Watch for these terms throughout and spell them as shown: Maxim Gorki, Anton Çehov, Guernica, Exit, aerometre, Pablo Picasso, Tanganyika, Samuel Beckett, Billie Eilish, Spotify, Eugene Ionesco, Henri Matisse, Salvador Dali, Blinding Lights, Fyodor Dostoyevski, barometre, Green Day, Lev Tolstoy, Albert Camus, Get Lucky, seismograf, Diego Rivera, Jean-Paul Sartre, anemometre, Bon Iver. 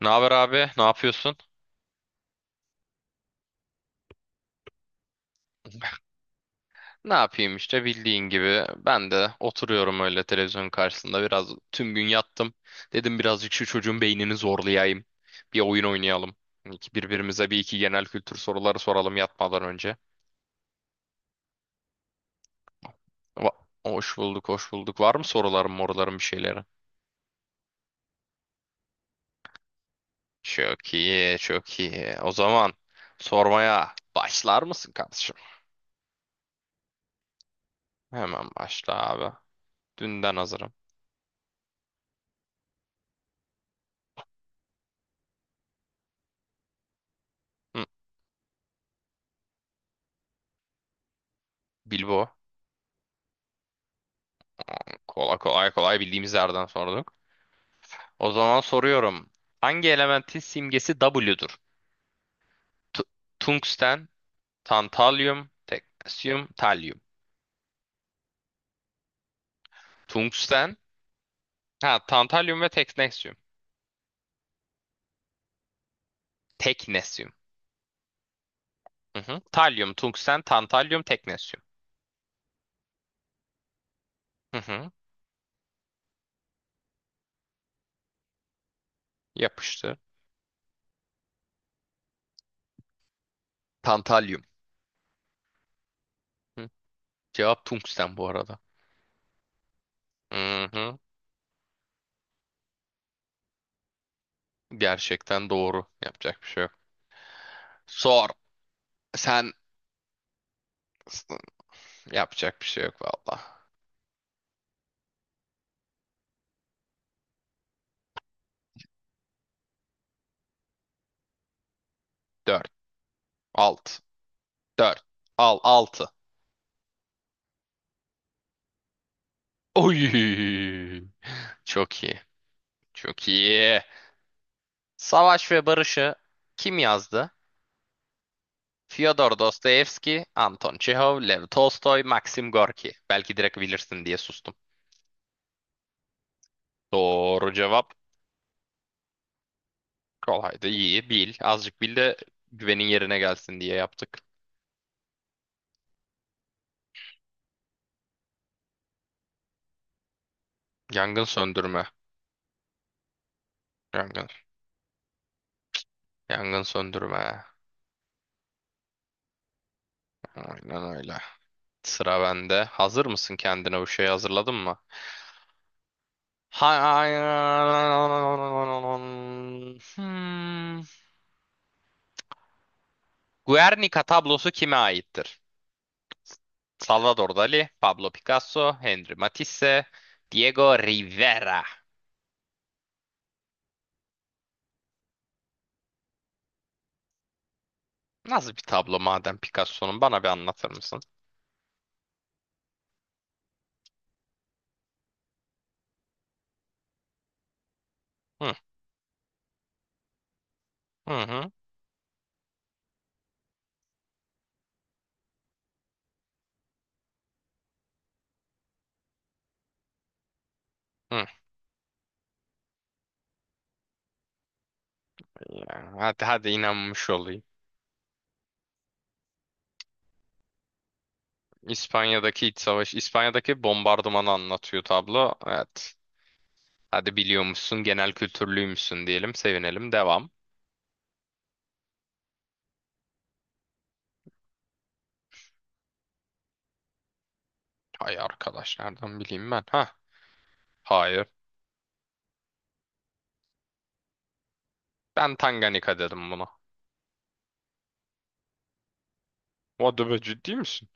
Ne haber abi? Ne yapıyorsun? Ne yapayım işte bildiğin gibi. Ben de oturuyorum öyle televizyonun karşısında biraz tüm gün yattım. Dedim birazcık şu çocuğun beynini zorlayayım. Bir oyun oynayalım. İki- Birbirimize bir iki genel kültür soruları soralım yatmadan önce. Va- Hoş bulduk, hoş bulduk. Var mı soruların, moruların bir şeyleri? Çok iyi, çok iyi. O zaman sormaya başlar mısın kardeşim? Hemen başla abi. Dünden hazırım. Hı, Bilbo. Kolay bildiğimiz yerden sorduk. O zaman soruyorum. Hangi elementin simgesi W'dur? Tu- tungsten, tantalyum, teknesyum, talyum. Tungsten, ha tantalyum ve teknesyum. Teknesyum. Hı hı. Talyum, tungsten, tantalyum, teknesyum. Hı hı. Yapıştı. Tantalyum. Hı. Cevap tungsten bu arada. Hı hı. Gerçekten doğru. Yapacak bir şey yok. Sor. Sen yapacak bir şey yok valla. 4 6. 4. Al 6. Oy. Çok iyi. Çok iyi. Savaş ve Barış'ı kim yazdı? Fyodor Dostoyevski, Anton Çehov, Lev Tolstoy, Maxim Gorki. Belki direkt bilirsin diye sustum. Doğru cevap. Kolaydı. İyi bil. Azıcık bil de güvenin yerine gelsin diye yaptık. Yangın söndürme. Yangın. Yangın söndürme. Aynen öyle. Sıra bende. Hazır mısın kendine bu şeyi hazırladın mı? Hayır. Hmm. Guernica tablosu kime aittir? Salvador Dali, Pablo Picasso, Henri Matisse, Diego Rivera. Nasıl bir tablo madem Picasso'nun bana bir anlatır mısın? Hı hı hı. Ya, hadi hadi inanmış olayım. İspanya'daki iç savaş, İspanya'daki bombardımanı anlatıyor tablo. Evet. Hadi biliyormuşsun, genel kültürlüymüşsün diyelim, sevinelim. Devam. Ay arkadaş nereden bileyim ben? Ha. Hayır. Ben Tanganyika dedim buna. What the- ciddi misin?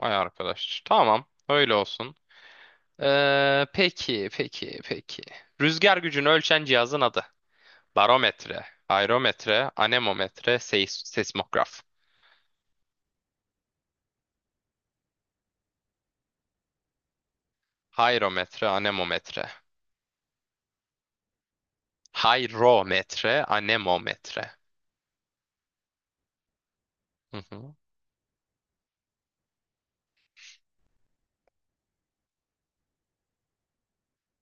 Vay arkadaş. Tamam. Öyle olsun. Peki, peki, peki. Rüzgar gücünü ölçen cihazın adı. Barometre, aerometre, anemometre, seis seismograf. Hayrometre, anemometre. Hayrometre, anemometre. Hı hı.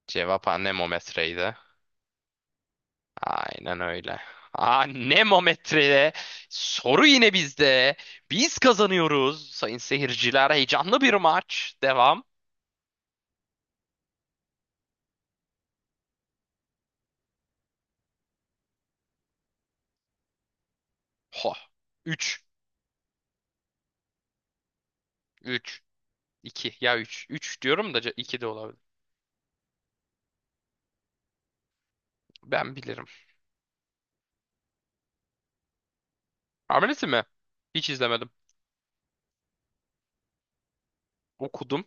Cevap anemometreydi. Aynen öyle. Aa, Nemometre'de soru yine bizde. Biz kazanıyoruz sayın seyirciler. Heyecanlı bir maç. Devam. Ho. 3. 3. 2. Ya 3. 3 diyorum da 2 de olabilir. Ben bilirim. Hamlesi mi? Hiç izlemedim. Okudum.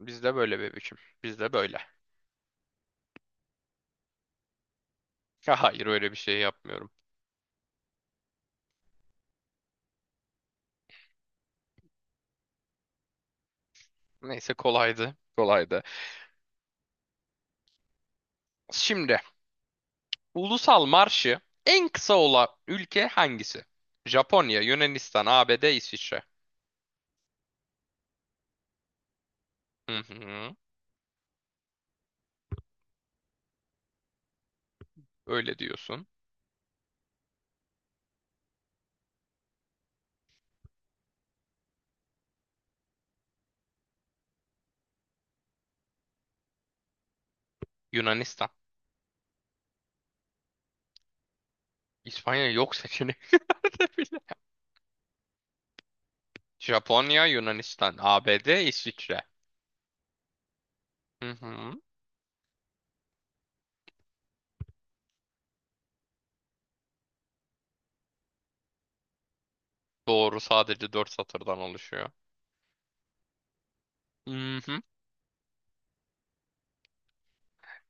Bizde böyle bebişim. Bizde böyle. Ya hayır öyle bir şey yapmıyorum. Neyse kolaydı. Kolaydı. Şimdi ulusal marşı en kısa olan ülke hangisi? Japonya, Yunanistan, ABD, İsviçre. Hı hı. Öyle diyorsun. Yunanistan. İspanya yok seçenekte bile. Japonya, Yunanistan, ABD, İsviçre. Hı hı. Doğru sadece dört satırdan oluşuyor. Hı hı.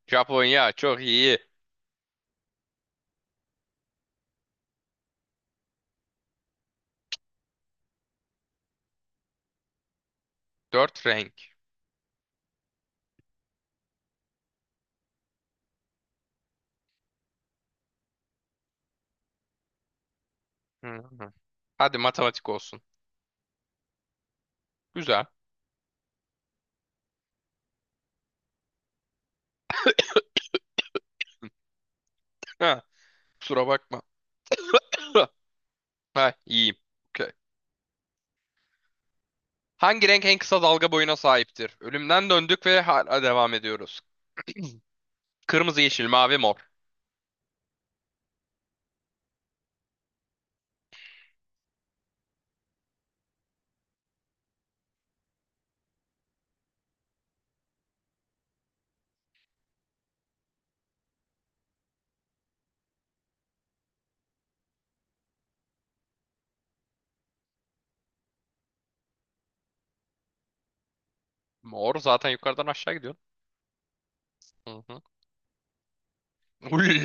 Japonya çok iyi. Dört renk. Hı hı. Hadi matematik olsun. Güzel. Ha, kusura bakma. Ha, iyiyim. Okey. Hangi renk en kısa dalga boyuna sahiptir? Ölümden döndük ve hala devam ediyoruz. Kırmızı, yeşil, mavi, mor. Mor zaten yukarıdan aşağı gidiyor. Hı hı. Uley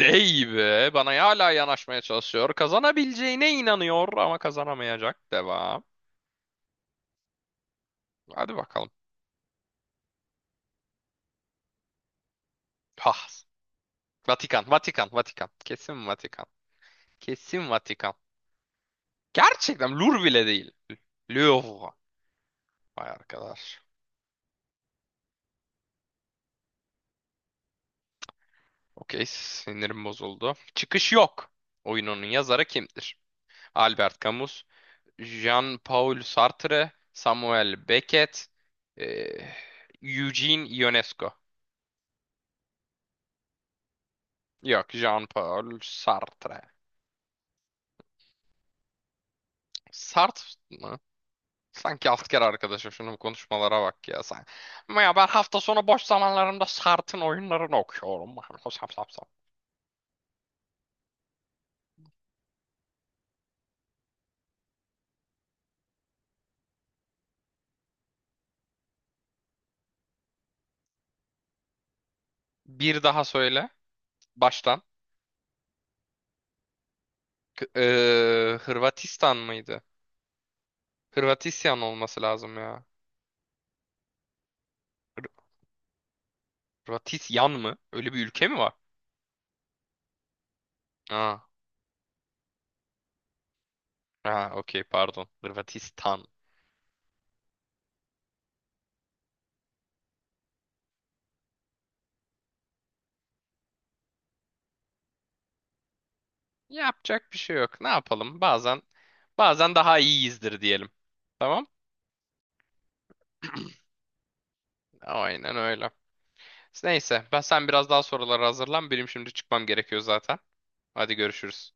be. Bana hala yanaşmaya çalışıyor. Kazanabileceğine inanıyor ama kazanamayacak. Devam. Hadi bakalım. Ah. Vatikan, Vatikan, Vatikan. Kesin Vatikan. Kesin Vatikan. Gerçekten Lur bile değil. Louvre. Vay arkadaş. Okey, sinirim bozuldu. Çıkış yok. Oyununun yazarı kimdir? Albert Camus, Jean-Paul Sartre, Samuel Beckett, eh, Eugene Ionesco. Yok, Jean-Paul Sartre. Sart mı? Sanki alt kere arkadaşım şunun konuşmalara bak ya sen. Ama ya ben hafta sonu boş zamanlarımda Sart'ın oyunlarını okuyorum. Sap, sap, sap. Bir daha söyle baştan. Hırvatistan mıydı? Hırvatisyan olması lazım ya. Hır- Hırvatisyan mı? Öyle bir ülke mi var? Aa, ha, okey pardon. Hırvatistan. Yapacak bir şey yok. Ne yapalım? Bazen daha iyiyizdir diyelim. Tamam? Aynen öyle. Neyse ben sen biraz daha sorulara hazırlan. Benim şimdi çıkmam gerekiyor zaten. Hadi görüşürüz.